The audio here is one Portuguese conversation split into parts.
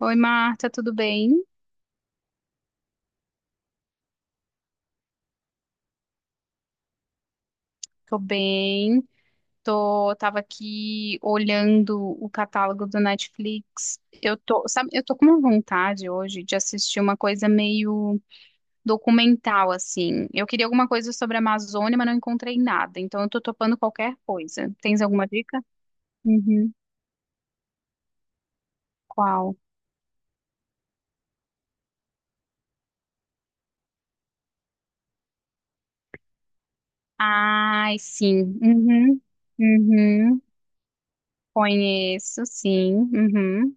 Oi, Marta, tudo bem? Tô bem. Tava aqui olhando o catálogo do Netflix. Eu tô, sabe, eu tô com uma vontade hoje de assistir uma coisa meio documental, assim. Eu queria alguma coisa sobre a Amazônia, mas não encontrei nada. Então eu tô topando qualquer coisa. Tens alguma dica? Uhum. Qual? Ai, sim. Uhum. Uhum. Conheço, sim. Uhum.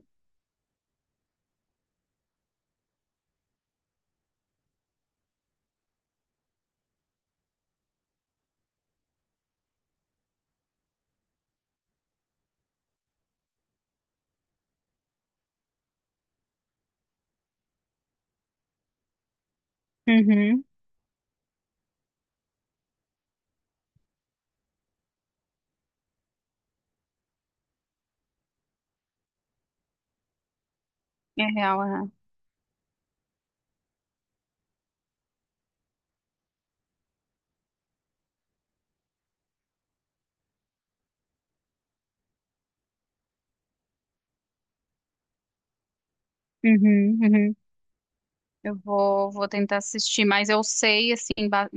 Uhum. É real, é. Uhum. Uhum. Eu vou tentar assistir, mas eu sei, assim,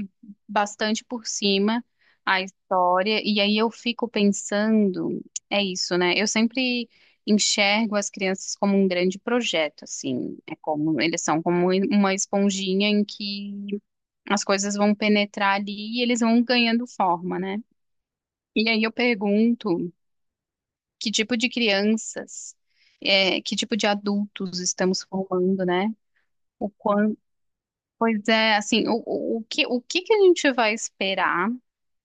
bastante por cima a história, e aí eu fico pensando, é isso, né? Eu sempre enxergo as crianças como um grande projeto, assim, é como, eles são como um, uma esponjinha em que as coisas vão penetrar ali e eles vão ganhando forma, né? E aí eu pergunto, que tipo de crianças, que tipo de adultos estamos formando, né? O quanto... Pois é, assim, o que que a gente vai esperar,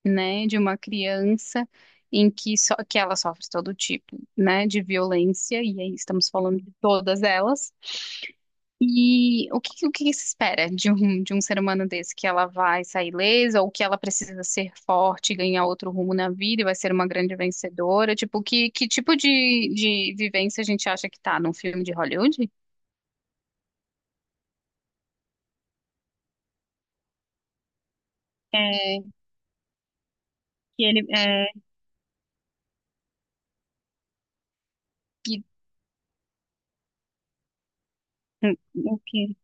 né, de uma criança em que, só, que ela sofre todo tipo, né, de violência, e aí estamos falando de todas elas, e o que se espera de um ser humano desse, que ela vai sair ilesa, ou que ela precisa ser forte, ganhar outro rumo na vida e vai ser uma grande vencedora, tipo, que tipo de vivência a gente acha que tá num filme de Hollywood? É, que ele, é, que,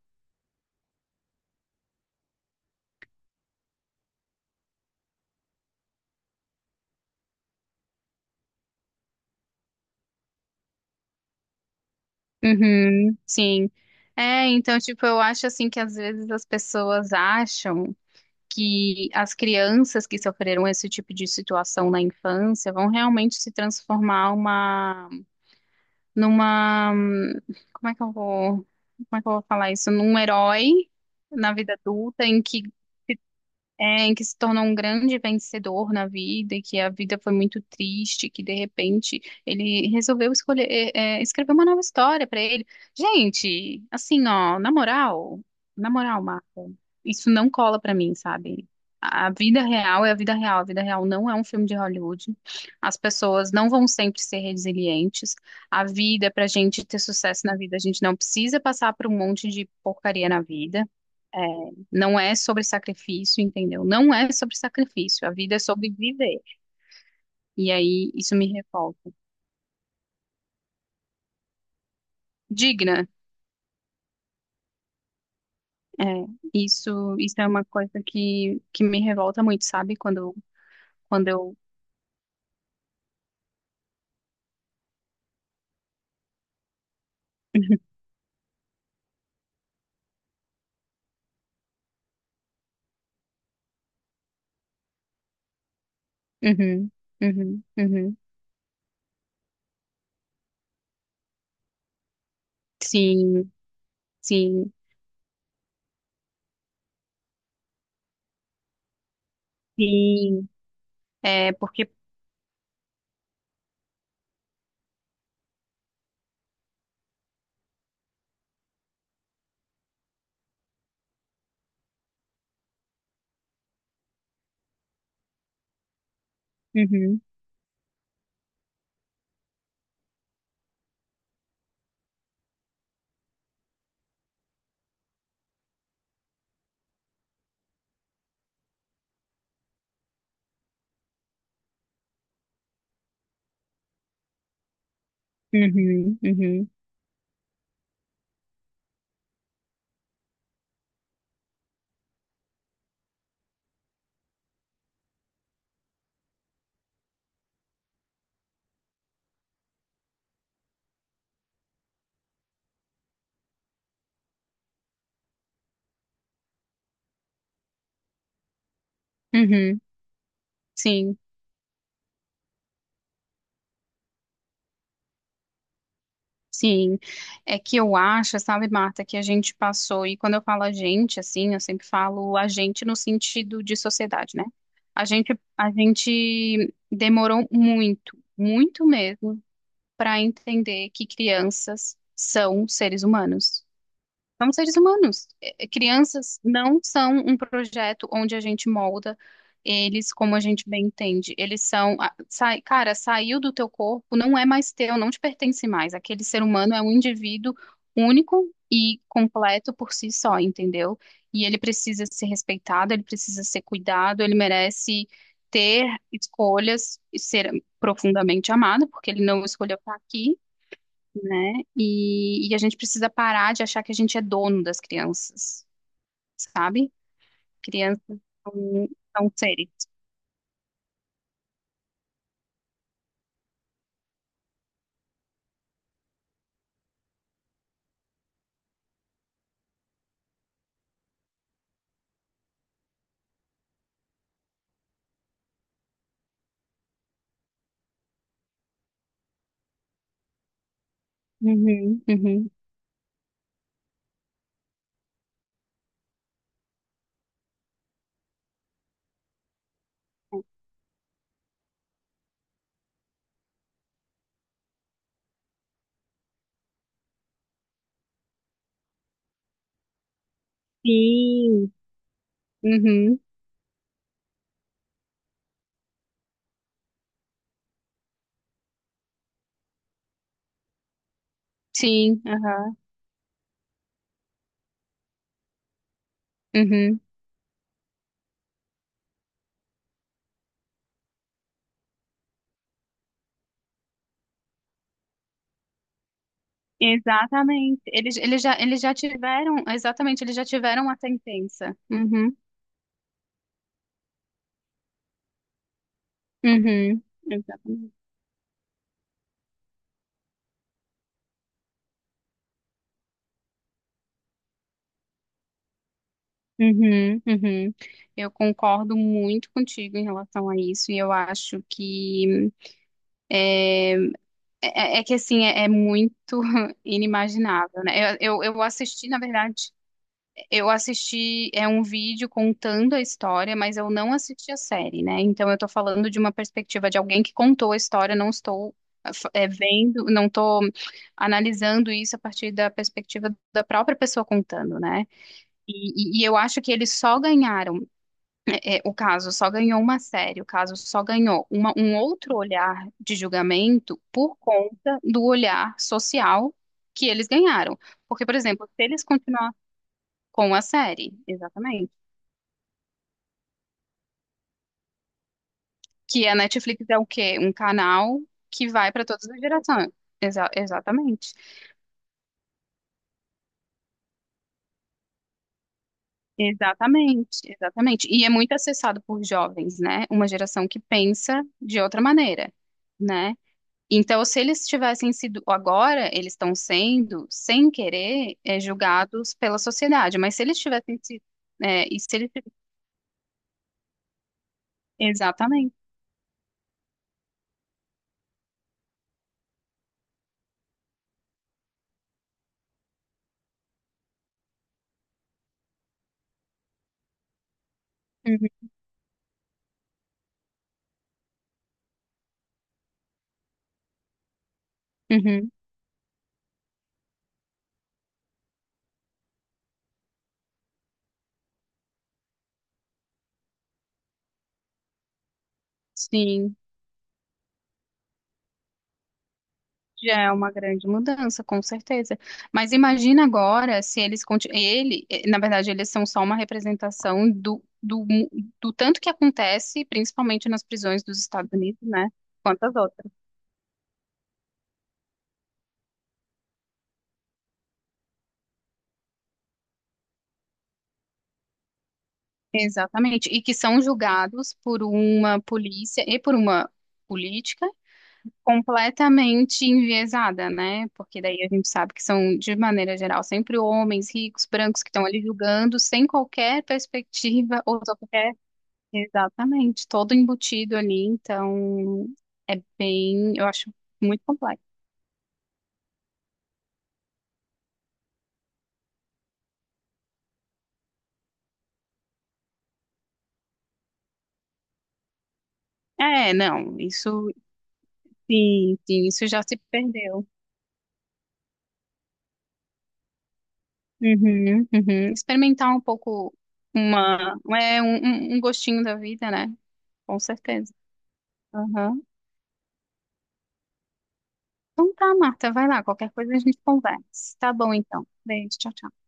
uhum, sim. É, então, tipo, eu acho assim que às vezes as pessoas acham que as crianças que sofreram esse tipo de situação na infância vão realmente se transformar numa, como é que eu vou, como é que eu vou falar isso? Num herói na vida adulta em que é, em que se tornou um grande vencedor na vida e que a vida foi muito triste, que de repente ele resolveu escolher, escrever uma nova história pra ele. Gente, assim, ó, na moral, Marco, isso não cola pra mim, sabe? A vida real é a vida real. A vida real não é um filme de Hollywood. As pessoas não vão sempre ser resilientes. A vida, pra gente ter sucesso na vida, a gente não precisa passar por um monte de porcaria na vida. É, não é sobre sacrifício, entendeu? Não é sobre sacrifício. A vida é sobre viver. E aí isso me revolta. Digna, é, isso é uma coisa que me revolta muito, sabe? Quando, quando eu. Uhum, uhum, uhum. Sim, sim, sim. É porque... Uhum, uhum, uhum, uhum. Sim. Sim, é que eu acho, sabe, Marta, que a gente passou, e quando eu falo a gente, assim, eu sempre falo a gente no sentido de sociedade, né? A gente demorou muito, muito mesmo, para entender que crianças são seres humanos. São seres humanos. Crianças não são um projeto onde a gente molda eles como a gente bem entende. Eles são, a- sai- cara, saiu do teu corpo, não é mais teu, não te pertence mais. Aquele ser humano é um indivíduo único e completo por si só, entendeu? E ele precisa ser respeitado, ele precisa ser cuidado, ele merece ter escolhas e ser profundamente amado, porque ele não escolheu estar aqui, né? E a gente precisa parar de achar que a gente é dono das crianças, sabe? Crianças são, são seres. Uhum, uhum. Sim. Uhum, sim, aham, uhum. Exatamente. Eles já tiveram, exatamente, eles já tiveram a sentença. Uhum, uhum, exatamente. Uhum, uhum. Eu concordo muito contigo em relação a isso, e eu acho que... É, é que assim, é, é muito inimaginável, né? Eu assisti, na verdade, eu assisti é um vídeo contando a história, mas eu não assisti a série, né? Então eu tô falando de uma perspectiva de alguém que contou a história, não estou é, vendo, não tô analisando isso a partir da perspectiva da própria pessoa contando, né? E eu acho que eles só ganharam é, o caso só ganhou uma série, o caso só ganhou um outro olhar de julgamento por conta do olhar social que eles ganharam. Porque, por exemplo, se eles continuar com a série, exatamente, que a Netflix é o quê? Um canal que vai para todas as gerações. Exatamente, exatamente, exatamente. E é muito acessado por jovens, né? Uma geração que pensa de outra maneira, né? Então, se eles tivessem sido, agora eles estão sendo, sem querer, eh, julgados pela sociedade, mas se eles tivessem sido, eh, e se eles, exatamente, uhum, uhum. Sim, já é uma grande mudança, com certeza. Mas imagina agora se eles, conti- ele, eh, na verdade, eles são só uma representação do, tanto que acontece, principalmente nas prisões dos Estados Unidos, né? Quantas outras. Exatamente, e que são julgados por uma polícia e por uma política completamente enviesada, né? Porque daí a gente sabe que são, de maneira geral, sempre homens ricos, brancos que estão ali julgando sem qualquer perspectiva ou só qualquer. Exatamente, todo embutido ali, então é bem, eu acho muito complexo. É, não, isso sim, sim, isso já se perdeu. Uhum, uhum. Experimentar um pouco uma, é, um, um gostinho da vida, né? Com certeza. Aham. Então tá, Marta, vai lá. Qualquer coisa a gente conversa. Tá bom, então. Beijo, tchau, tchau.